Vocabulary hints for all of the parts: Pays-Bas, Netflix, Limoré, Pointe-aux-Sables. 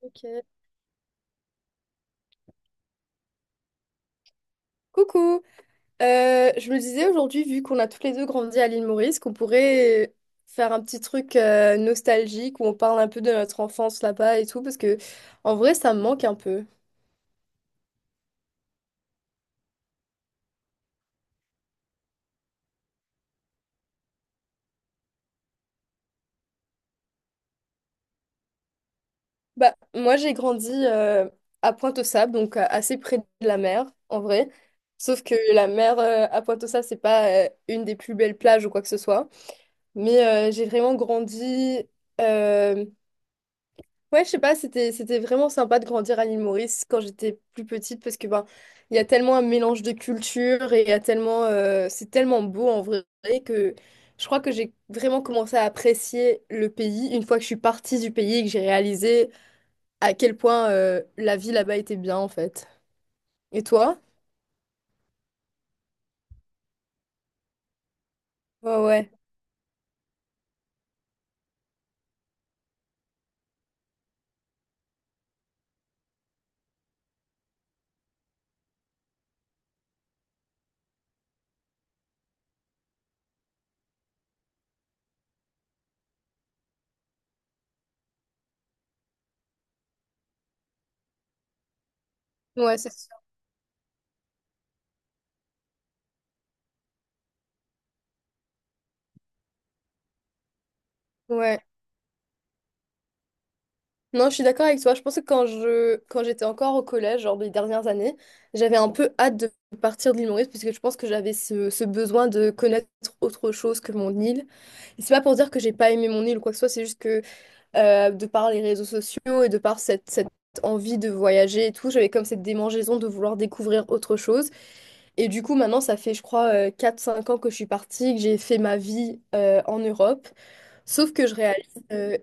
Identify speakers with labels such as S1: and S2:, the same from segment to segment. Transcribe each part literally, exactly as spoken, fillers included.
S1: Ok. Coucou. Euh, je me disais aujourd'hui, vu qu'on a tous les deux grandi à l'île Maurice, qu'on pourrait faire un petit truc euh, nostalgique où on parle un peu de notre enfance là-bas et tout, parce que en vrai, ça me manque un peu. Bah, moi, j'ai grandi euh, à Pointe-aux-Sables, donc euh, assez près de la mer, en vrai. Sauf que la mer euh, à Pointe-aux-Sables, c'est pas euh, une des plus belles plages ou quoi que ce soit. Mais euh, j'ai vraiment grandi. euh, Ouais, je sais pas, c'était c'était vraiment sympa de grandir à l'île Maurice quand j'étais plus petite parce que ben il y a tellement un mélange de cultures et il y a tellement euh, c'est tellement beau en vrai que je crois que j'ai vraiment commencé à apprécier le pays une fois que je suis partie du pays et que j'ai réalisé à quel point euh, la vie là-bas était bien en fait. Et toi? Ouais, ouais. Ouais, c'est sûr. Ouais. Non, je suis d'accord avec toi. Je pense que quand je, quand j'étais encore au collège, genre les dernières années, j'avais un peu hâte de partir de l'île Maurice parce que je pense que j'avais ce, ce besoin de connaître autre chose que mon île. Et c'est pas pour dire que j'ai pas aimé mon île ou quoi que ce soit, c'est juste que euh, de par les réseaux sociaux et de par cette, cette envie de voyager et tout, j'avais comme cette démangeaison de vouloir découvrir autre chose. Et du coup, maintenant, ça fait, je crois, euh, quatre cinq ans que je suis partie, que j'ai fait ma vie euh, en Europe. Sauf que je réalise. euh,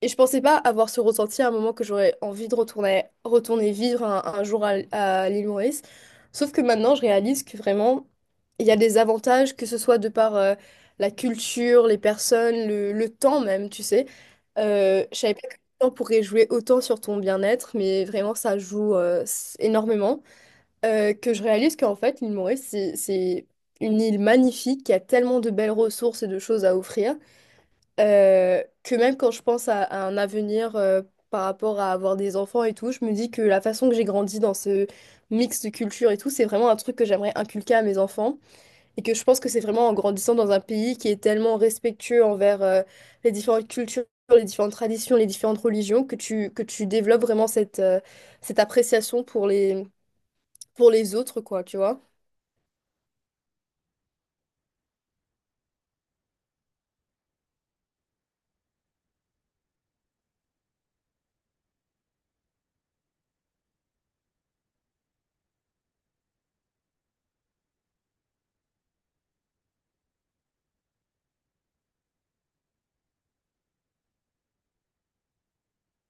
S1: et je pensais pas avoir ce ressenti à un moment que j'aurais envie de retourner, retourner vivre un, un jour à, à l'île Maurice. Sauf que maintenant, je réalise que vraiment, il y a des avantages, que ce soit de par euh, la culture, les personnes, le, le temps même, tu sais. Euh, je savais pas que le temps pourrait jouer autant sur ton bien-être, mais vraiment, ça joue euh, s- énormément. Euh, que je réalise qu'en fait, l'île Maurice, c'est c'est une île magnifique qui a tellement de belles ressources et de choses à offrir euh, que même quand je pense à, à un avenir euh, par rapport à avoir des enfants et tout, je me dis que la façon que j'ai grandi dans ce mix de culture et tout, c'est vraiment un truc que j'aimerais inculquer à mes enfants et que je pense que c'est vraiment en grandissant dans un pays qui est tellement respectueux envers euh, les différentes cultures, les différentes traditions, les différentes religions, que tu, que tu développes vraiment cette, euh, cette appréciation pour les, pour les autres, quoi, tu vois.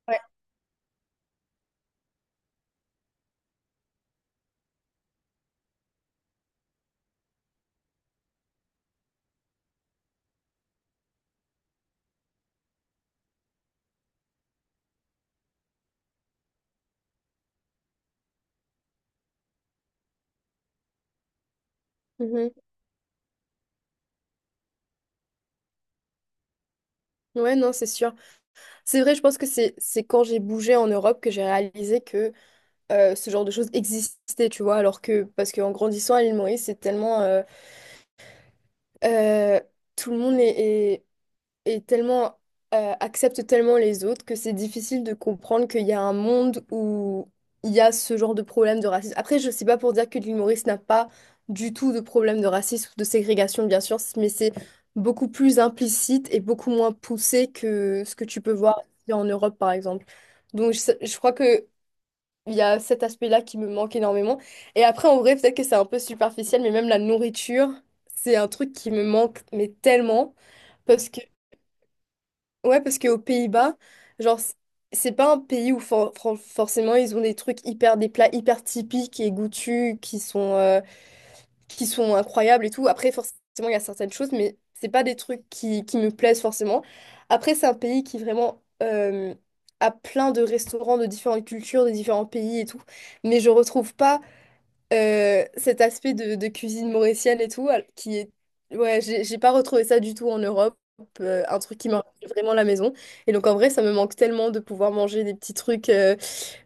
S1: Ouais, mhm. Ouais, non, c'est sûr. C'est vrai, je pense que c'est c'est quand j'ai bougé en Europe que j'ai réalisé que euh, ce genre de choses existait, tu vois, alors que, parce qu'en grandissant à l'île Maurice, c'est tellement, euh, euh, tout le monde est, est, est tellement, euh, accepte tellement les autres que c'est difficile de comprendre qu'il y a un monde où il y a ce genre de problème de racisme. Après, je sais pas pour dire que l'île Maurice n'a pas du tout de problème de racisme ou de ségrégation, bien sûr, mais c'est beaucoup plus implicite et beaucoup moins poussé que ce que tu peux voir en Europe, par exemple. Donc, je, je crois que il y a cet aspect-là qui me manque énormément. Et après, en vrai, peut-être que c'est un peu superficiel, mais même la nourriture, c'est un truc qui me manque, mais tellement. Parce que, ouais, parce qu'aux Pays-Bas, genre, c- c'est pas un pays où for- for- forcément ils ont des trucs hyper, des plats hyper typiques et goûtus qui sont, euh, qui sont incroyables et tout. Après, forcément, il y a certaines choses, mais c'est pas des trucs qui, qui me plaisent forcément. Après, c'est un pays qui vraiment euh, a plein de restaurants de différentes cultures, de différents pays et tout. Mais je retrouve pas euh, cet aspect de, de cuisine mauricienne et tout, al- qui est... Ouais, j'ai j'ai pas retrouvé ça du tout en Europe, euh, un truc qui me rappelle vraiment la maison. Et donc en vrai, ça me manque tellement de pouvoir manger des petits trucs euh,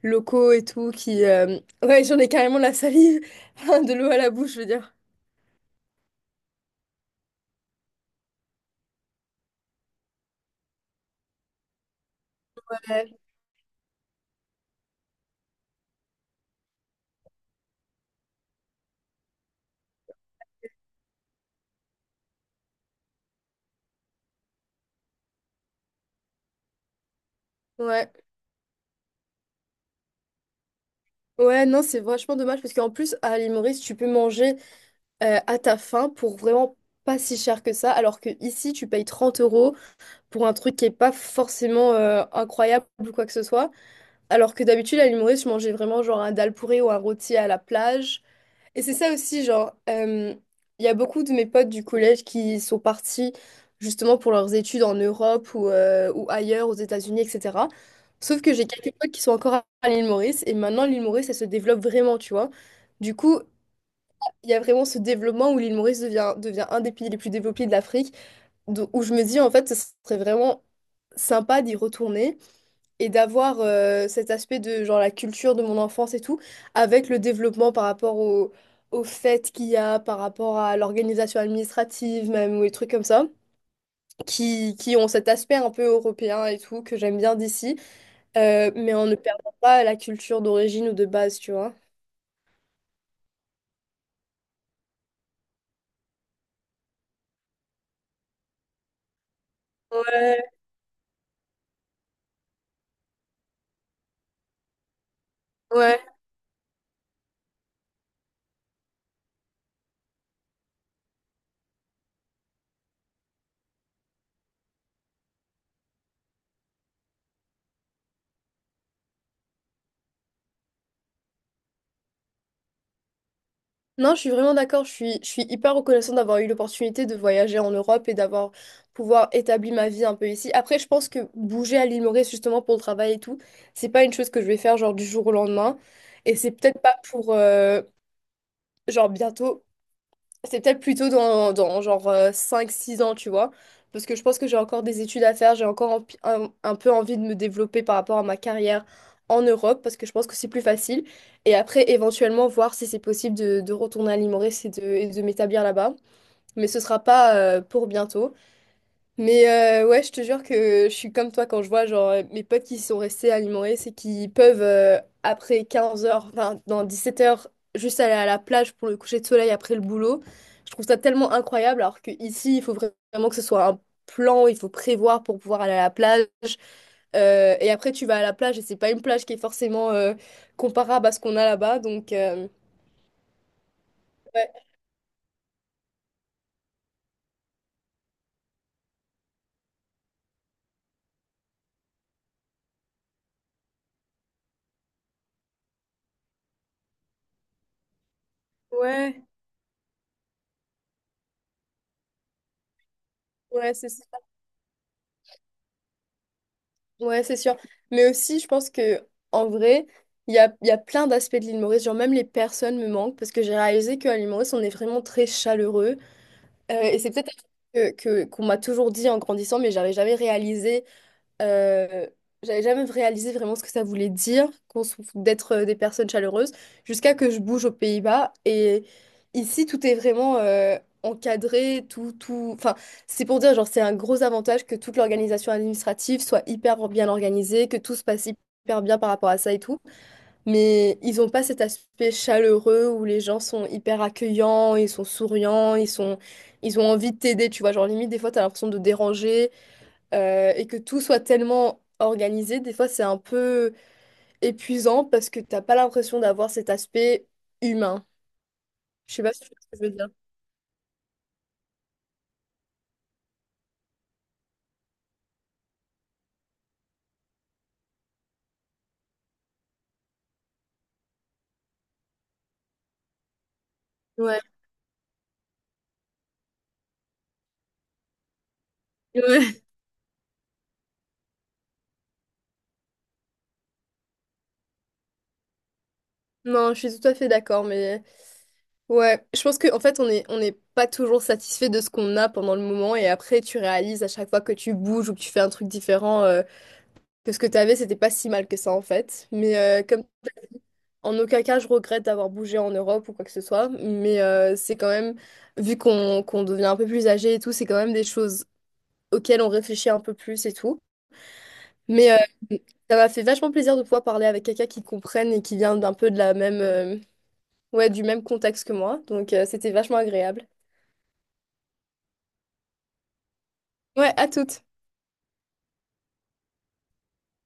S1: locaux et tout, qui... euh, Ouais, j'en ai carrément la salive, de l'eau à la bouche, je veux dire. Ouais. Ouais, ouais, non, c'est vachement dommage parce qu'en plus, à l'île Maurice, tu peux manger euh, à ta faim pour vraiment pas si cher que ça, alors que ici, tu payes trente euros pour un truc qui est pas forcément euh, incroyable ou quoi que ce soit. Alors que d'habitude, à l'île Maurice, je mangeais vraiment genre un dal pourré ou un rôti à la plage. Et c'est ça aussi, genre, euh, il y a beaucoup de mes potes du collège qui sont partis justement pour leurs études en Europe ou, euh, ou ailleurs, aux États-Unis, et cetera. Sauf que j'ai quelques potes qui sont encore à l'île Maurice et maintenant l'île Maurice, elle se développe vraiment, tu vois. Du coup, il y a vraiment ce développement où l'île Maurice devient, devient un des pays les plus développés de l'Afrique, do- où je me dis en fait, ce serait vraiment sympa d'y retourner et d'avoir euh, cet aspect de genre la culture de mon enfance et tout, avec le développement par rapport au, aux fêtes qu'il y a, par rapport à l'organisation administrative même, ou des trucs comme ça, qui, qui ont cet aspect un peu européen et tout, que j'aime bien d'ici, euh, mais en ne perdant pas la culture d'origine ou de base, tu vois. Ouais, ouais. Non, je suis vraiment d'accord. Je suis, je suis hyper reconnaissante d'avoir eu l'opportunité de voyager en Europe et d'avoir pouvoir établir ma vie un peu ici. Après, je pense que bouger à l'île Maurice justement pour le travail et tout, c'est pas une chose que je vais faire genre du jour au lendemain. Et c'est peut-être pas pour euh, genre bientôt. C'est peut-être plutôt dans, dans genre euh, cinq six ans, tu vois. Parce que je pense que j'ai encore des études à faire, j'ai encore empi- un, un peu envie de me développer par rapport à ma carrière en Europe, parce que je pense que c'est plus facile. Et après, éventuellement, voir si c'est possible de, de retourner à Limoré et de, et de m'établir là-bas. Mais ce sera pas euh, pour bientôt. Mais euh, ouais, je te jure que je suis comme toi quand je vois genre euh, mes potes qui sont restés alimentés c'est qu'ils peuvent euh, après quinze heures enfin dans dix-sept heures juste aller à la plage pour le coucher de soleil après le boulot. Je trouve ça tellement incroyable alors que ici, il faut vra- vraiment que ce soit un plan, il faut prévoir pour pouvoir aller à la plage. Euh, et après, tu vas à la plage et c'est pas une plage qui est forcément euh, comparable à ce qu'on a là-bas. Donc, euh, ouais, ouais, ouais, c'est ça. Ouais, c'est sûr. Mais aussi, je pense que en vrai, il y a, il y a plein d'aspects de l'île Maurice. Genre, même les personnes me manquent parce que j'ai réalisé qu'à l'île Maurice, on est vraiment très chaleureux. Euh, et c'est peut-être un truc que, que- qu'on m'a toujours dit en grandissant, mais j'avais jamais réalisé euh, j'avais jamais réalisé vraiment ce que ça voulait dire qu'on se- d'être euh, des personnes chaleureuses jusqu'à que je bouge aux Pays-Bas. Et ici, tout est vraiment euh, encadré, tout, tout. Enfin, c'est pour dire, genre, c'est un gros avantage que toute l'organisation administrative soit hyper bien organisée, que tout se passe hyper bien par rapport à ça et tout. Mais ils ont pas cet aspect chaleureux où les gens sont hyper accueillants, ils sont souriants, ils sont, ils ont envie de t'aider, tu vois. Genre, limite, des fois, t'as l'impression de déranger euh, et que tout soit tellement organisé, des fois c'est un peu épuisant parce que t'as pas l'impression d'avoir cet aspect humain. Je sais pas si tu vois ce que je veux dire. Ouais. Ouais. Non, je suis tout à fait d'accord, mais ouais, je pense qu'en fait on est on n'est pas toujours satisfait de ce qu'on a pendant le moment et après tu réalises à chaque fois que tu bouges ou que tu fais un truc différent euh, que ce que t'avais c'était pas si mal que ça en fait. Mais euh, comme En aucun cas, je regrette d'avoir bougé en Europe ou quoi que ce soit, mais euh, c'est quand même, vu qu'on qu'on devient un peu plus âgé et tout, c'est quand même des choses auxquelles on réfléchit un peu plus et tout. Mais euh, ça m'a fait vachement plaisir de pouvoir parler avec quelqu'un qui comprenne et qui vient d'un peu de la même, euh, ouais, du même contexte que moi. Donc euh, c'était vachement agréable. Ouais, à toutes.